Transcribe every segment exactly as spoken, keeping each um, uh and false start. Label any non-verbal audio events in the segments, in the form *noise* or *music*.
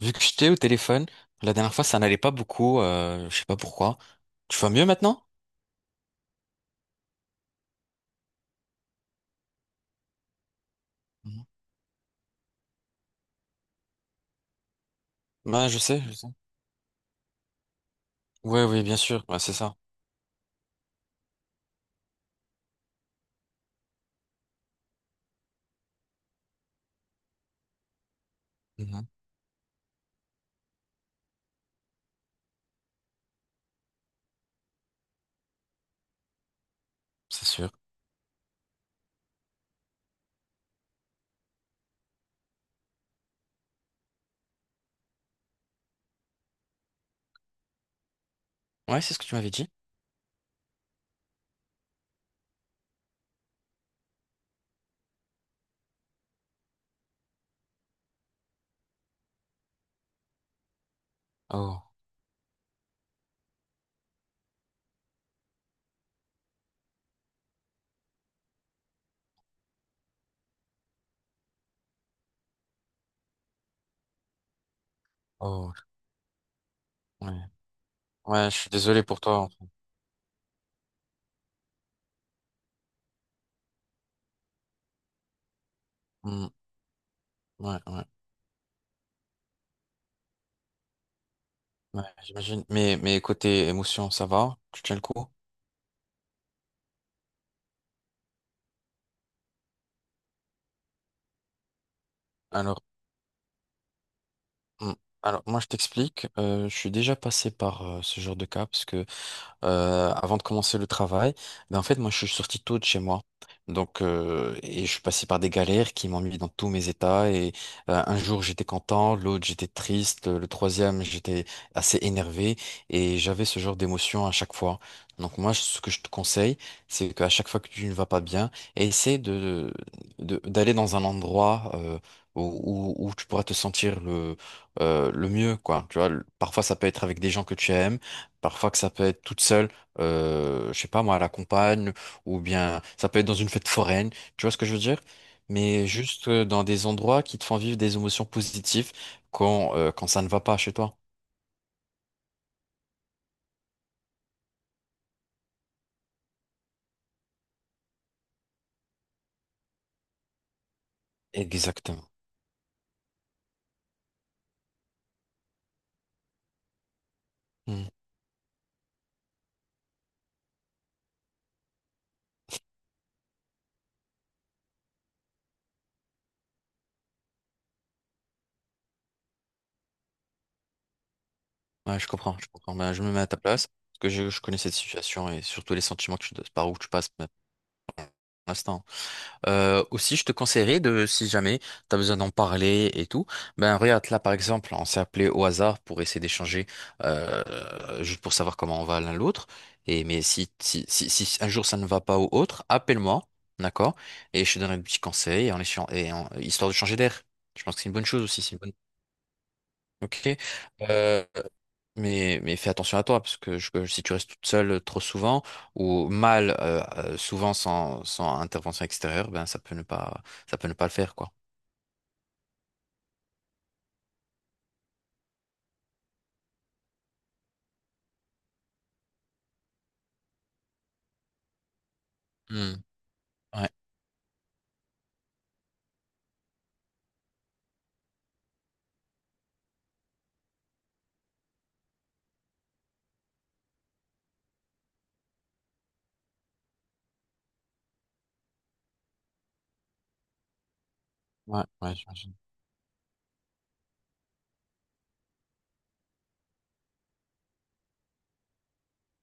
Vu que j'étais au téléphone, la dernière fois, ça n'allait pas beaucoup, euh, je sais pas pourquoi. Tu vas mieux maintenant? Mhm. Ouais, je sais, je sais. Ouais, oui, bien sûr, ouais, c'est ça. Mhm. C'est sûr. Ouais, c'est ce que tu m'avais dit. Oh, oh, ouais. Ouais, je suis désolé pour toi, en fait. Mm. Ouais, ouais, ouais, j'imagine. Mais, mais côté émotion, ça va? Tu tiens le coup? Alors, mm, alors moi, je t'explique. Euh, je suis déjà passé par euh, ce genre de cas parce que euh, avant de commencer le travail, ben en fait, moi, je suis sorti tôt de chez moi. Donc, euh, et je suis passé par des galères qui m'ont mis dans tous mes états. Et euh, un jour, j'étais content, l'autre, j'étais triste, le troisième, j'étais assez énervé. Et j'avais ce genre d'émotion à chaque fois. Donc, moi, ce que je te conseille, c'est qu'à chaque fois que tu ne vas pas bien, essaie de, de- d'aller dans un endroit euh, où, où- où tu pourras te sentir le, euh, le mieux, quoi. Tu vois, le- parfois, ça peut être avec des gens que tu aimes. Parfois que ça peut être toute seule, euh, je sais pas moi, à la campagne, ou bien ça peut être dans une fête foraine, tu vois ce que je veux dire? Mais juste euh, dans des endroits qui te font vivre des émotions positives quand, euh, quand ça ne va pas chez toi. Exactement. Hmm. Ouais, je comprends, je comprends. Ben, je me mets à ta place, parce que je, je connais cette situation et surtout les sentiments que tu, par où tu passes maintenant. Euh, aussi, je te conseillerais de, si jamais tu as besoin d'en parler et tout, ben regarde là par exemple, on s'est appelé au hasard pour essayer d'échanger euh, juste pour savoir comment on va l'un l'autre. Et mais si, si, si, si un jour ça ne va pas ou autre, appelle-moi, d'accord? Et je te donnerai des petits conseils en échan- et en- histoire de changer d'air. Je pense que c'est une bonne chose aussi, c'est une bonne. Ok. Euh, mais, mais fais attention à toi, parce que je- que si tu restes toute seule euh, trop souvent, ou mal euh, euh, souvent sans, sans intervention extérieure, ben ça peut ne pas, ça peut ne pas le faire, quoi. Hmm. Ouais, ouais, ouais, j'imagine.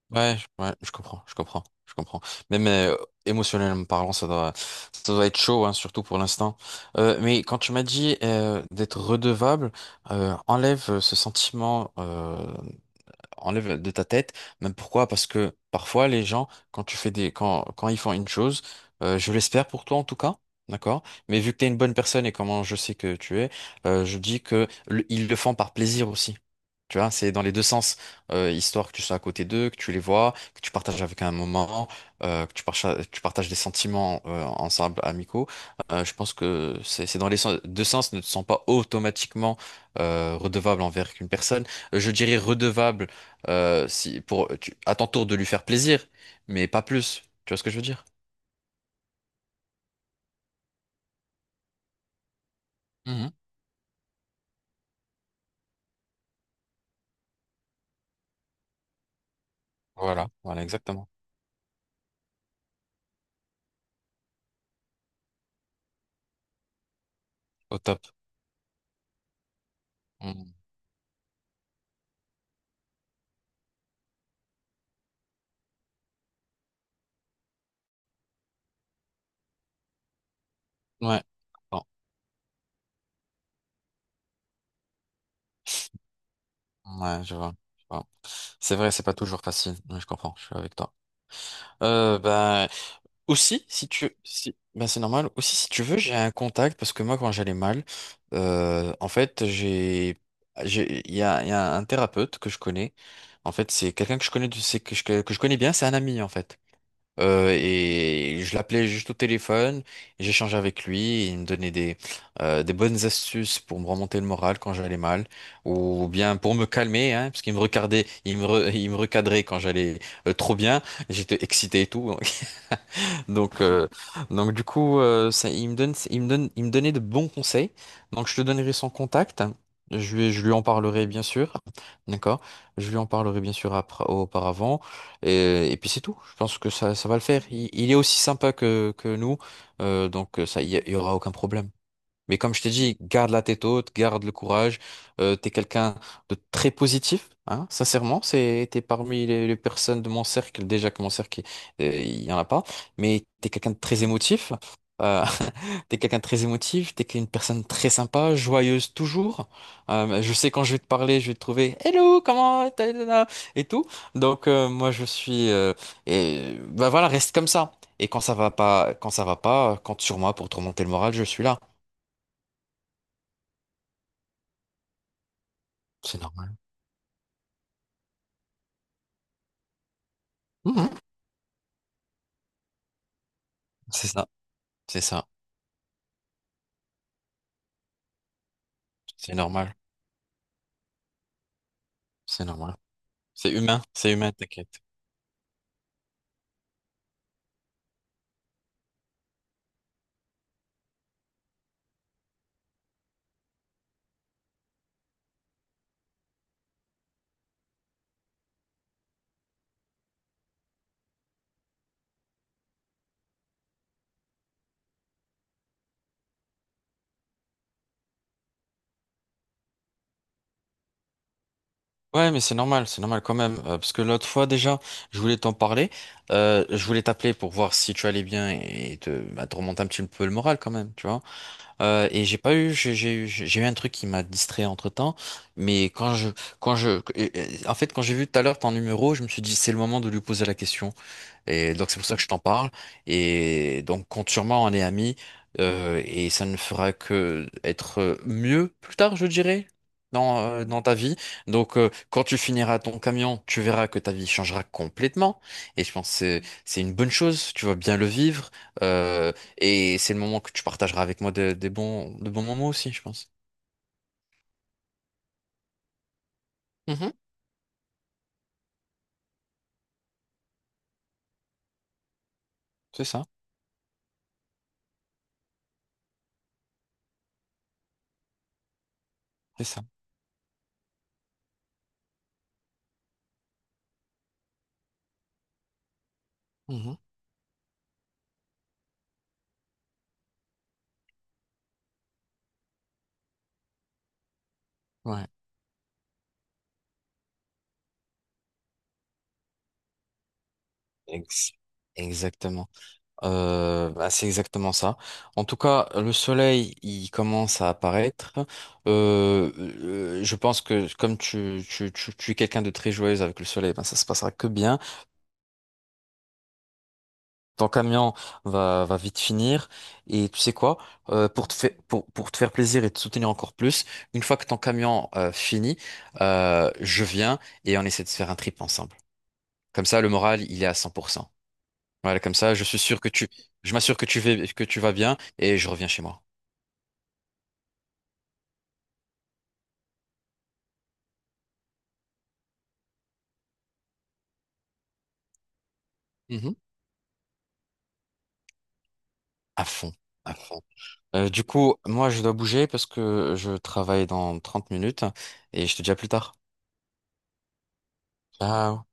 Ouais, je- ouais, je comprends, je comprends, je comprends. Mais, mais euh, émotionnellement parlant, ça doit, ça doit être chaud, hein, surtout pour l'instant. Euh, mais quand tu m'as dit euh, d'être redevable, euh, enlève euh, ce sentiment. Euh, enlève de ta tête. Même pourquoi? Parce que parfois les gens, quand tu fais des, quand, quand ils font une chose, euh, je l'espère pour toi en tout cas, d'accord? Mais vu que tu es une bonne personne et comment je sais que tu es, euh, je dis que le- ils le font par plaisir aussi. Tu vois, c'est dans les deux sens. Euh, histoire que tu sois à côté d'eux, que tu les vois, que tu partages avec un moment, euh, que tu partages, tu partages des sentiments euh, ensemble, amicaux. Euh, je pense que c'est c'est dans les sens- deux sens, ne te sens pas automatiquement euh, redevable envers une personne. Euh, Je dirais redevable euh, si, pour, tu- à ton tour de lui faire plaisir, mais pas plus. Tu vois ce que je veux dire? Mhm. Voilà, voilà, exactement. Au top. Mhm. Ouais. Bon. Ouais, je vois, je vois. C'est vrai, c'est pas toujours facile. Ouais, je comprends, je suis avec toi. Euh, ben, aussi, si tu, si, ben, c'est normal. Aussi, si tu veux, j'ai un contact parce que moi, quand j'allais mal, euh, en fait, j'ai, j'ai, il y a, il y a un thérapeute que je connais. En fait, c'est quelqu'un que je connais, du- c'est que je, que je connais bien. C'est un ami, en fait. Euh, et je l'appelais juste au téléphone, et j'échangeais avec lui, et il me donnait des, euh, des bonnes astuces pour me remonter le moral quand j'allais mal, ou bien pour me calmer, hein, parce qu'il me regardait, il me, re- *laughs* il me recadrait quand j'allais euh, trop bien, j'étais excité et tout, donc, euh, donc du coup, euh, ça, il me donne, il me donne, il me donnait de bons conseils. Donc, je te donnerai son contact. Je lui, je lui en parlerai bien sûr. D'accord? Je lui en parlerai bien sûr après, auparavant. Et, et puis c'est tout. Je pense que ça, ça va le faire. Il, il est aussi sympa que, que nous. Euh, donc, ça, il y, a- il y aura aucun problème. Mais comme je t'ai dit, garde la tête haute, garde le courage. Euh, t'es quelqu'un de très positif, hein, sincèrement. C'est, t'es parmi les, les personnes de mon cercle, déjà que mon cercle, euh, il y en a pas, mais t'es quelqu'un de très émotif. Euh, *laughs* t'es quelqu'un de très émotif, t'es une personne très sympa, joyeuse toujours. Euh, je sais quand je vais te parler, je vais te trouver Hello, comment t'as- t'as- t'as et tout. Donc euh, moi je suis euh, et bah voilà, reste comme ça. Et quand ça va pas, quand ça va pas, compte sur moi pour te remonter le moral, je suis là. C'est normal. Mhm. C'est ça, c'est ça, c'est normal, c'est normal. C'est humain, c'est humain, t'inquiète. Ouais, mais c'est normal, c'est normal quand même. Euh, parce que l'autre fois déjà, je voulais t'en parler. Euh, je voulais t'appeler pour voir si tu allais bien et te, bah, te remonter un petit peu le moral quand même, tu vois. Euh, et j'ai pas eu, j'ai j'ai eu, j'ai eu un truc qui m'a distrait entre-temps. Mais quand je, quand je, et- et- en fait, quand j'ai vu tout à l'heure ton numéro, je me suis dit c'est le moment de lui poser la question. Et donc c'est pour ça que je t'en parle. Et donc compte sur moi, on est amis. Euh, et ça ne fera que être mieux plus tard, je dirais, dans, euh, dans ta vie. Donc euh, quand tu finiras ton camion, tu verras que ta vie changera complètement. Et je pense que c'est c'est une bonne chose, tu vas bien le vivre. euh, et c'est le moment que tu partageras avec moi des des bons, de bons moments aussi, je pense. Mhm, c'est ça, c'est ça. Mhm, ouais. Ex- Exactement. Euh, bah, c'est exactement ça. En tout cas, le soleil, il commence à apparaître. Euh, euh, je pense que comme tu, tu, tu, tu es quelqu'un de très joyeux avec le soleil, ben ça se passera que bien. Ton camion va, va vite finir. Et tu sais quoi? Euh, pour te faire, pour, pour te faire plaisir et te soutenir encore plus, une fois que ton camion euh, finit, euh, je viens et on essaie de se faire un trip ensemble. Comme ça, le moral, il est à cent pour cent. Voilà, comme ça, je suis sûr que tu, je m'assure que tu vas, que tu vas bien et je reviens chez moi. Mhm. À fond, à fond. Euh, du coup, moi, je dois bouger parce que je travaille dans trente minutes et je te dis à plus tard. Ciao.